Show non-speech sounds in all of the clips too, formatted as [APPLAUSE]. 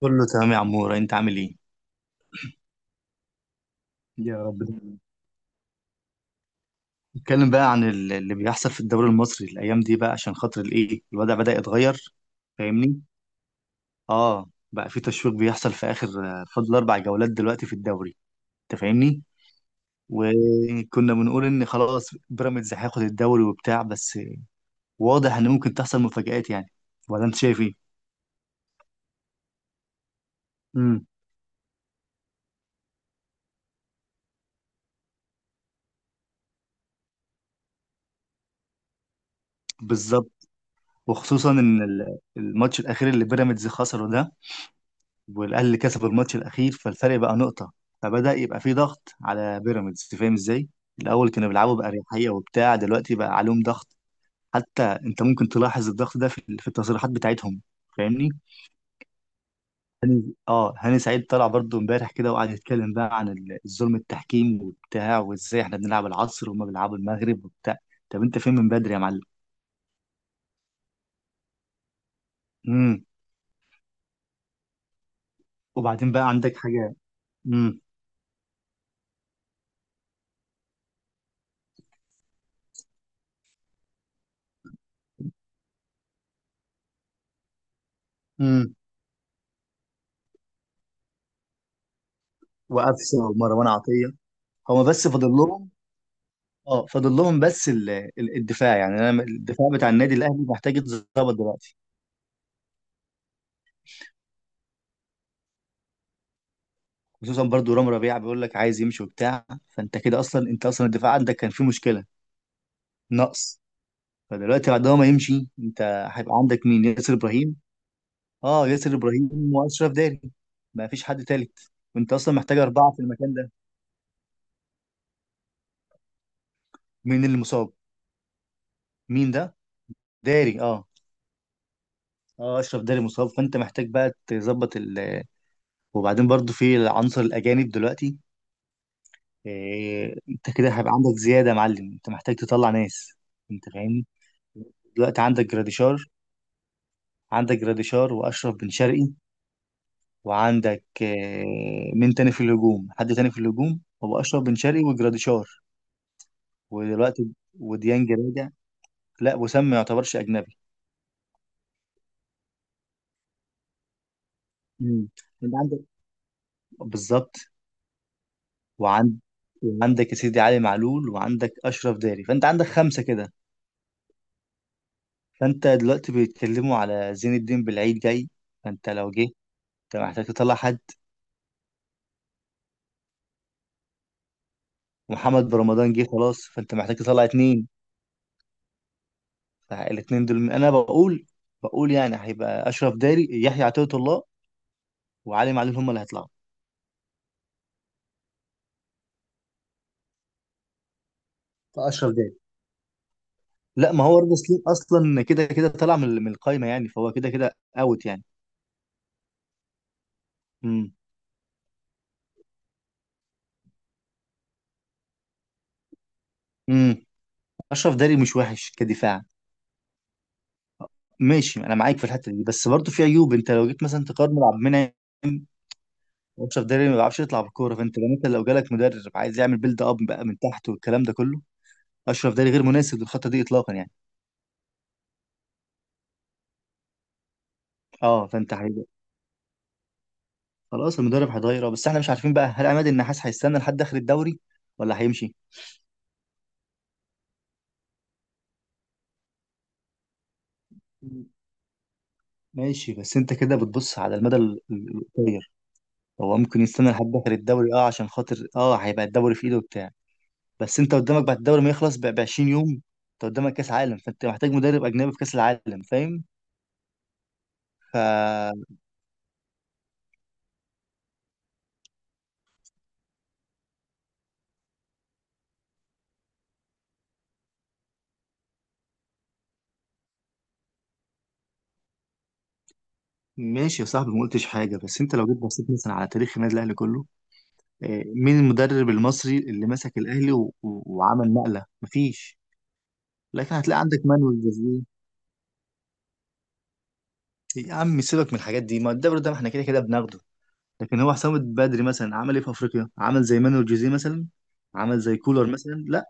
كله تمام يا عمورة، انت عامل ايه؟ يا رب دايما. نتكلم بقى عن اللي بيحصل في الدوري المصري الايام دي بقى، عشان خاطر الايه الوضع بدأ يتغير. فاهمني؟ اه بقى في تشويق بيحصل في اخر. فاضل 4 جولات دلوقتي في الدوري. انت فاهمني؟ وكنا بنقول ان خلاص بيراميدز هياخد الدوري وبتاع بس. واضح ان ممكن تحصل مفاجآت يعني. ولا انت شايف ايه؟ امم. بالظبط. وخصوصا ان الماتش الاخير اللي بيراميدز خسره ده، والاهلي اللي كسب الماتش الاخير، فالفرق بقى نقطه. فبدا يبقى في ضغط على بيراميدز، فاهم ازاي. الاول كانوا بيلعبوا باريحيه وبتاع، دلوقتي بقى عليهم ضغط. حتى انت ممكن تلاحظ الضغط ده في التصريحات بتاعتهم. فاهمني. اه هاني سعيد طلع برضو امبارح كده وقعد يتكلم بقى عن الظلم التحكيم وبتاع، وازاي احنا بنلعب العصر وهما بيلعبوا المغرب وبتاع. طب انت فين من بدري يا معلم؟ امم. وبعدين بقى عندك حاجه؟ امم. امم. وقفشه ومروان عطيه. هو بس فاضل لهم. اه فاضل لهم، بس الدفاع يعني، انا الدفاع بتاع النادي الاهلي محتاج يتظبط دلوقتي. خصوصا برضو رام ربيعه بيقول لك عايز يمشي وبتاع، فانت كده اصلا، انت اصلا الدفاع عندك كان فيه مشكله. نقص. فدلوقتي بعد ما يمشي، انت هيبقى عندك مين، ياسر ابراهيم؟ اه ياسر ابراهيم واشرف داري، ما فيش حد تالت. وانت اصلا محتاج اربعه في المكان ده. مين اللي مصاب؟ مين ده؟ داري، اه. اه اشرف داري مصاب، فانت محتاج بقى تظبط. وبعدين برضو في العنصر الاجانب دلوقتي. انت كده هيبقى عندك زياده يا معلم، انت محتاج تطلع ناس. انت فاهمني. دلوقتي عندك جراديشار واشرف بن شرقي. وعندك مين تاني في الهجوم، حد تاني في الهجوم؟ هو اشرف بن شرقي وجراديشار. ودلوقتي وديانج راجع. لا، وسام ما يعتبرش اجنبي. مم. انت عندك. بالظبط. وعند وعندك يا سيدي علي معلول، وعندك اشرف داري، فانت عندك خمسه كده. فانت دلوقتي بيتكلموا على زين الدين بالعيد جاي، فانت لو جه انت محتاج تطلع حد. ومحمد رمضان جه خلاص، فانت محتاج تطلع اتنين. فالاتنين دول انا بقول، يعني هيبقى اشرف داري، يحيى عطية الله، وعلي معلول هم اللي هيطلعوا. فاشرف داري. لا، ما هو رضا سليم اصلا كده كده طلع من القايمه يعني، فهو كده كده اوت يعني. امم. امم. اشرف داري مش وحش كدفاع. ماشي انا معاك في الحته دي، بس برضه في عيوب، انت لو جيت مثلا تقارن عبد المنعم واشرف داري، ما بيعرفش يطلع بالكوره، فانت لو جالك مدرب عايز يعمل بيلد اب بقى من تحت والكلام ده كله، اشرف داري غير مناسب للخطه دي اطلاقا يعني. اه فانت هيبقى خلاص، المدرب هيتغير، اه، بس احنا مش عارفين بقى هل عماد النحاس هيستنى لحد اخر الدوري ولا هيمشي؟ ماشي، بس انت كده بتبص على المدى القصير. هو ممكن يستنى لحد اخر الدوري، اه عشان خاطر اه هيبقى الدوري في ايده وبتاع. بس انت قدامك بعد الدوري ما يخلص ب 20 يوم، انت قدامك كاس عالم، فانت محتاج مدرب اجنبي في كاس العالم، فاهم. ف ماشي يا صاحبي، ما قلتش حاجه، بس انت لو جيت بصيت مثلا على تاريخ النادي الاهلي كله، مين المدرب المصري اللي مسك الاهلي وعمل نقله؟ مفيش. لكن هتلاقي عندك مانويل جوزيه. يا عم سيبك من الحاجات دي، ما الدوري ده ما احنا كده كده بناخده، لكن هو حسام بدري مثلا عمل ايه في افريقيا؟ عمل زي مانويل جوزيه مثلا؟ عمل زي كولر مثلا؟ لا.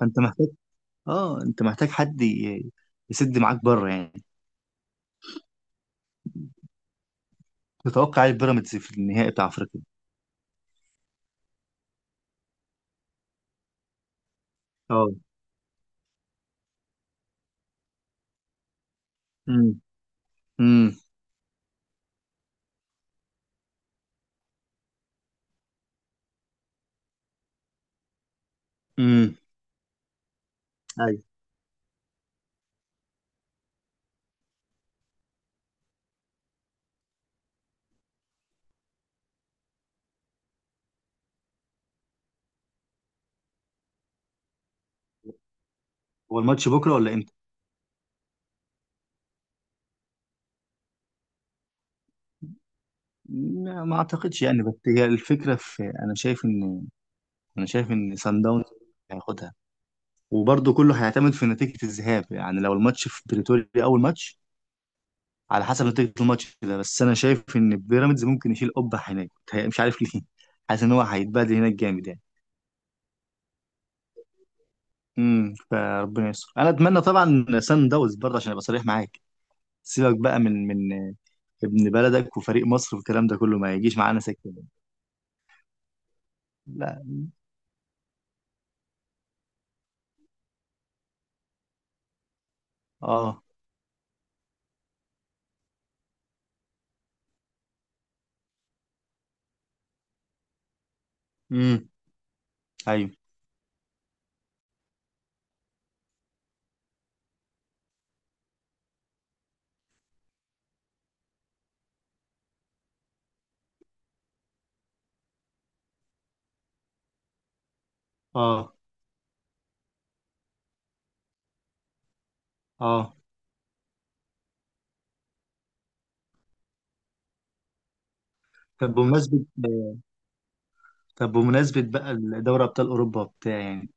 فانت محتاج، اه انت محتاج حد يسد معاك بره يعني. تتوقع ايه بيراميدز في النهائي بتاع افريقيا؟ اه. امم. امم. امم. ايوه. هو الماتش بكره ولا امتى؟ ما اعتقدش يعني، بس هي الفكره في، انا شايف ان سان داونز هياخدها. وبرضه كله هيعتمد في نتيجة الذهاب يعني، لو الماتش في بريتوريا أول ماتش، على حسب نتيجة الماتش ده. بس أنا شايف إن بيراميدز ممكن يشيل قبة هناك، مش عارف ليه [LAUGHS] حاسس إن هو هيتبهدل هناك جامد يعني. امم. فربنا يستر، أنا أتمنى طبعا سان داونز برضه عشان أبقى صريح معاك. سيبك بقى من ابن بلدك وفريق مصر والكلام ده كله ما يجيش معانا سكة. لا. اه. امم. ايوه. اه. اه. طب بمناسبة طب بمناسبة بقى دوري أبطال أوروبا وبتاع يعني.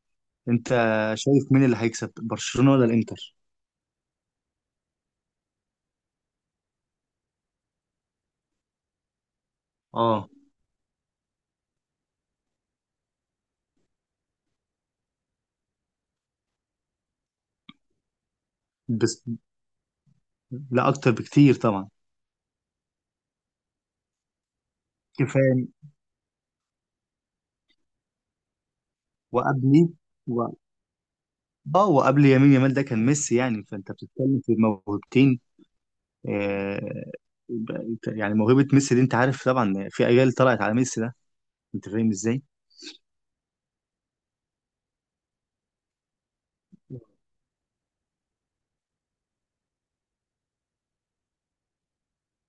انت شايف مين اللي هيكسب، برشلونة ولا الانتر؟ اه. بس لا، اكتر بكتير طبعا. كفاية. وقبلي، و... اه وقبل يمين يامال ده كان ميسي يعني، فانت بتتكلم في موهبتين. آه... ب- يعني موهبة ميسي دي انت عارف طبعا، في اجيال طلعت على ميسي ده. انت فاهم ازاي.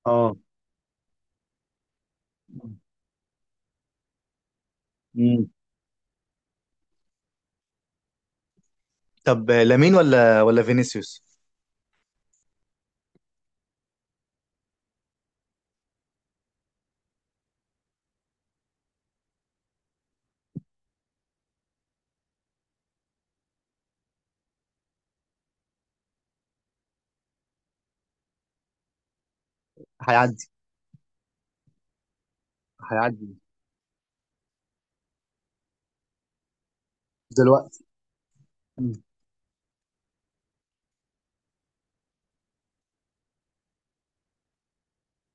اه. مم. طب لامين ولا فينيسيوس؟ هيعدي. هيعدي. دلوقتي. مم.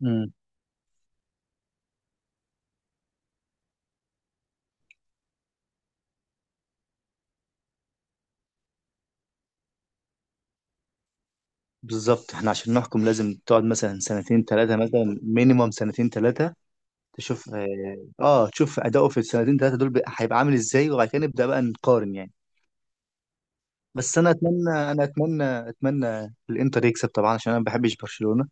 مم. بالظبط، احنا عشان نحكم لازم تقعد مثلا سنتين ثلاثة، مثلا مينيموم سنتين ثلاثة. تشوف، اه تشوف أداؤه في السنتين ثلاثة دول بقى، هيبقى عامل ازاي، وبعد كده نبدأ بقى نقارن يعني. بس انا اتمنى الانتر يكسب طبعا عشان انا ما بحبش برشلونة.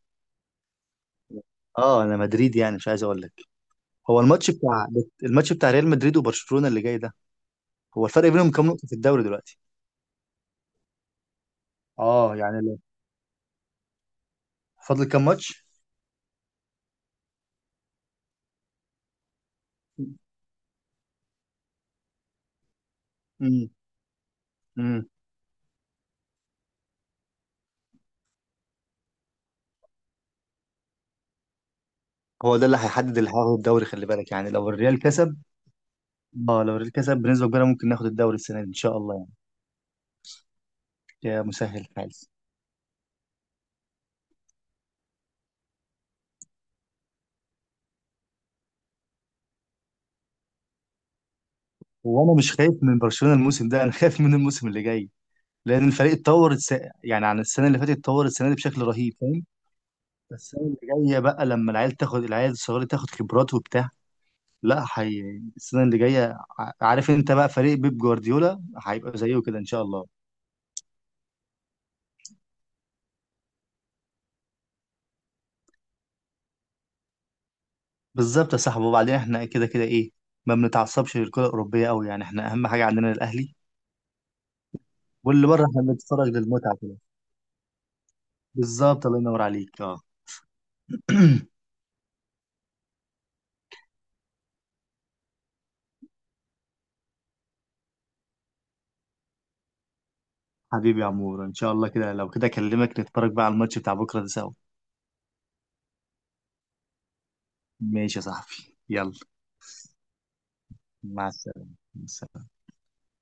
اه، انا مدريد يعني مش عايز اقول لك. هو الماتش بتاع الماتش بتاع ريال مدريد وبرشلونة اللي جاي ده، هو الفرق بينهم كام نقطة في الدوري دلوقتي؟ اه يعني لو، فاضل كام ماتش؟ امم. امم. هو ده اللي هيحدد اللي هياخد الدوري، خلي بالك يعني لو الريال كسب. اه لو الريال كسب بنسبه كبيره ممكن ناخد الدوري السنه دي ان شاء الله. يعني يا مسهل الحال. وانا مش خايف من برشلونه الموسم ده، انا خايف من الموسم اللي جاي، لان الفريق اتطور يعني عن السنه اللي فاتت، اتطور السنه دي بشكل رهيب، فاهم. بس السنه اللي جايه بقى، لما العيال الصغيره تاخد خبرات وبتاع، لا حي... السنه اللي جايه عارف انت بقى، فريق بيب جوارديولا هيبقى زيه كده ان شاء الله. بالظبط يا صاحبي، وبعدين احنا كده كده ايه، ما بنتعصبش للكره الاوروبيه قوي يعني، احنا اهم حاجه عندنا الاهلي. واللي بره احنا بنتفرج للمتعه. بالظبط، الله ينور عليك، اه. [CLEARS THROAT] حبيبي يا عمور، ان شاء الله كده لو كده اكلمك نتفرج بقى على الماتش بتاع بكره ده سوا. ماشي يا صاحبي، يلا، مع السلامه. مع السلامة.